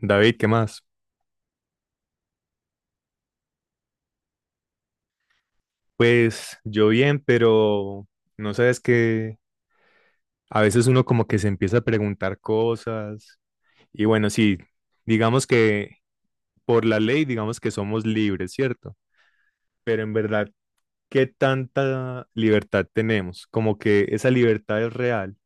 David, ¿qué más? Pues yo bien, pero no sabes que a veces uno como que se empieza a preguntar cosas y bueno, sí, digamos que por la ley, digamos que somos libres, ¿cierto? Pero en verdad, ¿qué tanta libertad tenemos? Como que esa libertad es real,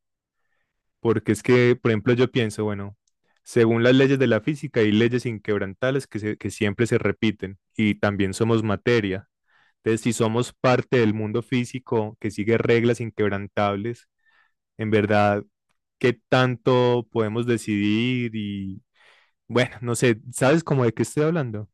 porque es que, por ejemplo, yo pienso, bueno, según las leyes de la física hay leyes inquebrantables que siempre se repiten y también somos materia. Entonces, si somos parte del mundo físico que sigue reglas inquebrantables, en verdad, ¿qué tanto podemos decidir? Y bueno, no sé, ¿sabes cómo de qué estoy hablando?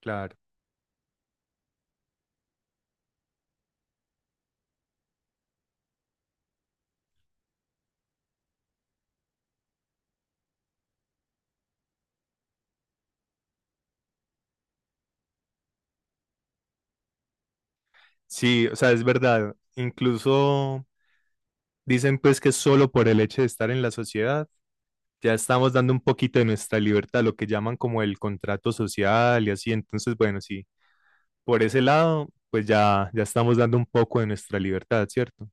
Claro. Sí, o sea, es verdad. Incluso dicen pues que solo por el hecho de estar en la sociedad ya estamos dando un poquito de nuestra libertad, lo que llaman como el contrato social y así. Entonces, bueno, sí, por ese lado, pues ya estamos dando un poco de nuestra libertad, ¿cierto?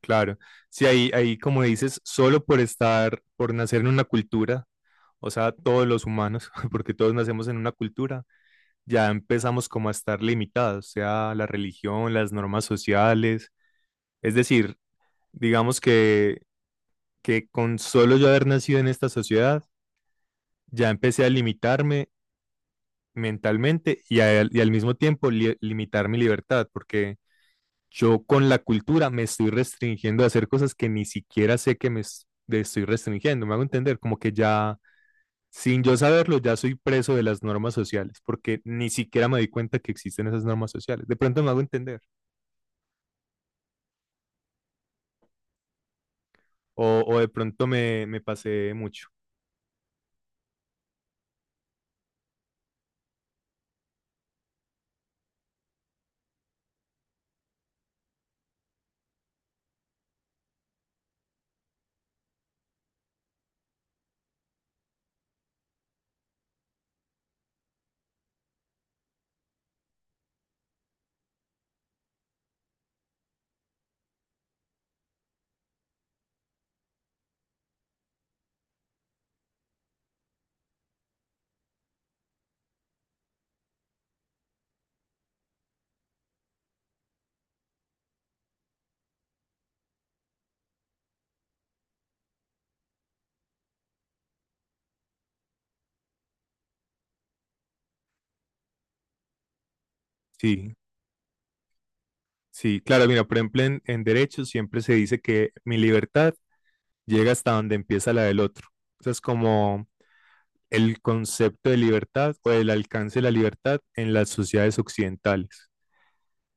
Claro, sí, ahí como dices, solo por estar, por nacer en una cultura, o sea, todos los humanos, porque todos nacemos en una cultura, ya empezamos como a estar limitados, sea la religión, las normas sociales, es decir, digamos que con solo yo haber nacido en esta sociedad, ya empecé a limitarme mentalmente y al mismo tiempo limitar mi libertad, porque yo con la cultura me estoy restringiendo a hacer cosas que ni siquiera sé que me estoy restringiendo. Me hago entender, como que ya, sin yo saberlo, ya soy preso de las normas sociales, porque ni siquiera me di cuenta que existen esas normas sociales. De pronto me hago entender, o de pronto me pasé mucho. Sí, sí, claro, mira, por ejemplo, en derecho siempre se dice que mi libertad llega hasta donde empieza la del otro. Eso es como el concepto de libertad o el alcance de la libertad en las sociedades occidentales.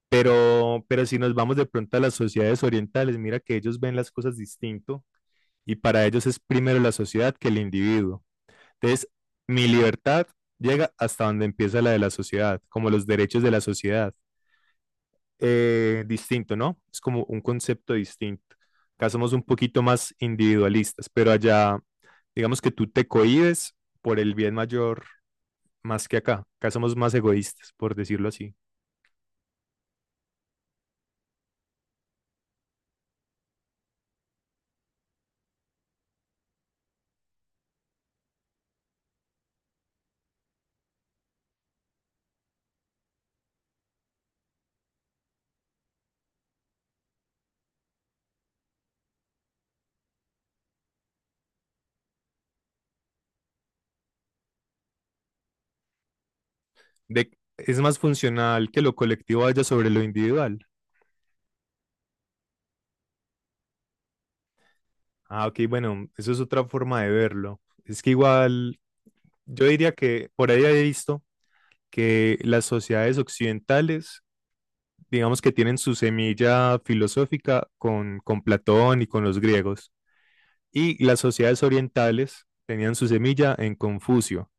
Pero si nos vamos de pronto a las sociedades orientales, mira que ellos ven las cosas distinto y para ellos es primero la sociedad que el individuo. Entonces, mi libertad llega hasta donde empieza la de la sociedad, como los derechos de la sociedad. Distinto, ¿no? Es como un concepto distinto. Acá somos un poquito más individualistas, pero allá, digamos que tú te cohibes por el bien mayor más que acá. Acá somos más egoístas, por decirlo así. de, es más funcional que lo colectivo vaya sobre lo individual. Ah, ok, bueno, eso es otra forma de verlo. Es que igual, yo diría que por ahí he visto que las sociedades occidentales, digamos que tienen su semilla filosófica con Platón y con los griegos, y las sociedades orientales tenían su semilla en Confucio.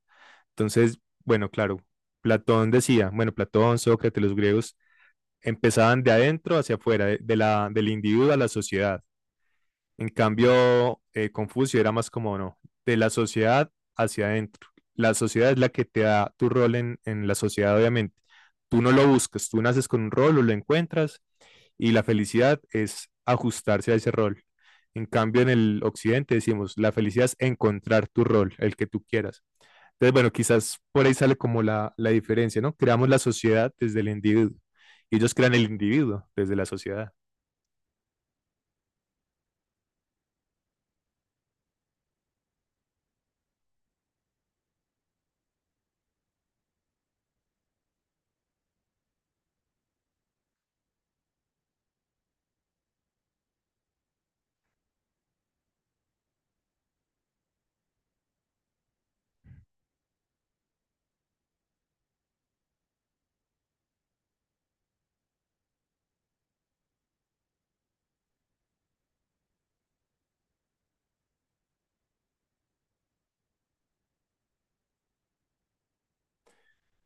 Entonces, bueno, claro, Platón decía, bueno, Platón, Sócrates, los griegos empezaban de adentro hacia afuera, del individuo a la sociedad. En cambio, Confucio era más como, no, de la sociedad hacia adentro. La sociedad es la que te da tu rol en la sociedad, obviamente. Tú no lo buscas, tú naces con un rol o lo encuentras y la felicidad es ajustarse a ese rol. En cambio, en el occidente decimos, la felicidad es encontrar tu rol, el que tú quieras. Entonces, bueno, quizás por ahí sale como la diferencia, ¿no? Creamos la sociedad desde el individuo y ellos crean el individuo desde la sociedad.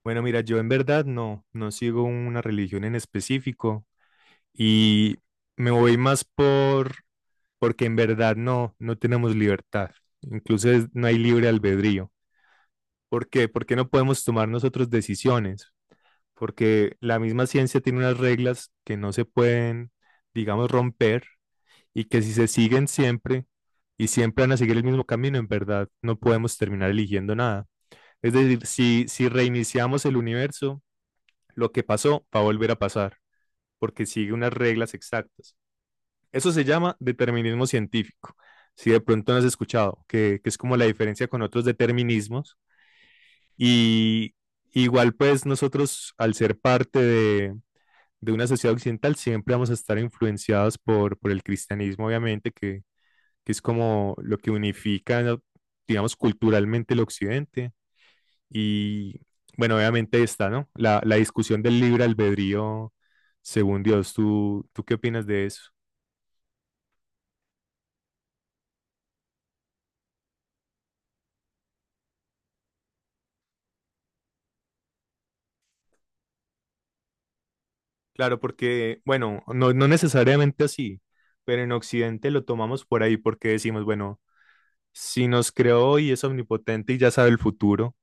Bueno, mira, yo en verdad no, no sigo una religión en específico y me voy más porque en verdad no, no tenemos libertad, incluso no hay libre albedrío. ¿Por qué? Porque no podemos tomar nosotros decisiones, porque la misma ciencia tiene unas reglas que no se pueden, digamos, romper y que si se siguen siempre y siempre van a seguir el mismo camino, en verdad no podemos terminar eligiendo nada. Es decir, si reiniciamos el universo, lo que pasó va a volver a pasar, porque sigue unas reglas exactas. Eso se llama determinismo científico. Si de pronto no has escuchado, que es como la diferencia con otros determinismos. Y igual pues nosotros, al ser parte de una sociedad occidental, siempre vamos a estar influenciados por el cristianismo, obviamente, que es como lo que unifica, digamos, culturalmente el occidente y bueno, obviamente está, ¿no? La discusión del libre albedrío según Dios. ¿Tú qué opinas de eso? Claro, porque, bueno, no, no necesariamente así, pero en Occidente lo tomamos por ahí porque decimos, bueno, si nos creó y es omnipotente y ya sabe el futuro,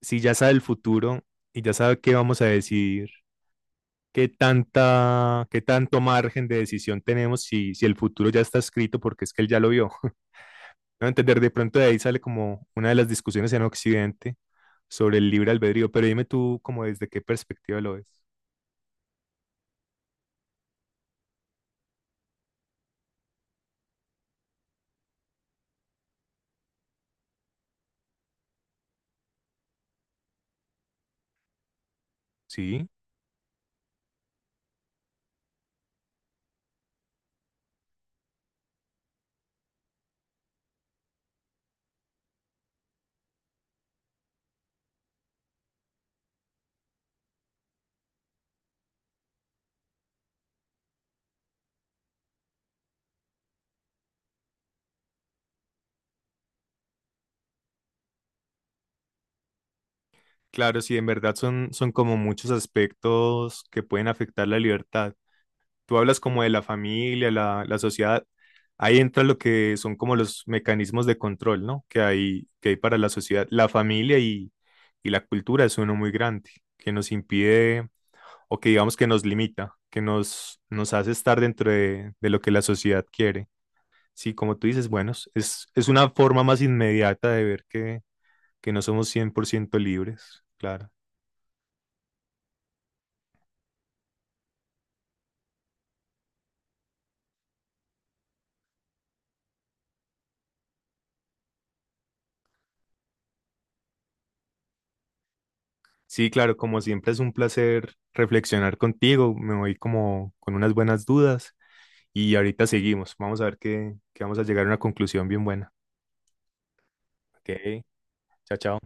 si ya sabe el futuro y ya sabe qué vamos a decidir, qué tanta, qué tanto margen de decisión tenemos si, si el futuro ya está escrito porque es que él ya lo vio. A entender, de pronto de ahí sale como una de las discusiones en Occidente sobre el libre albedrío, pero dime tú como desde qué perspectiva lo ves. Sí, claro, sí, en verdad son como muchos aspectos que pueden afectar la libertad. Tú hablas como de la familia, la sociedad, ahí entra lo que son como los mecanismos de control, ¿no? Que hay para la sociedad. La familia y la cultura es uno muy grande, que nos impide o que digamos que nos limita, que nos hace estar dentro de lo que la sociedad quiere. Sí, como tú dices, bueno, es una forma más inmediata de ver que no somos 100% libres, claro. Sí, claro, como siempre es un placer reflexionar contigo, me voy como con unas buenas dudas y ahorita seguimos, vamos a ver que vamos a llegar a una conclusión bien buena. Ok, chao, chao.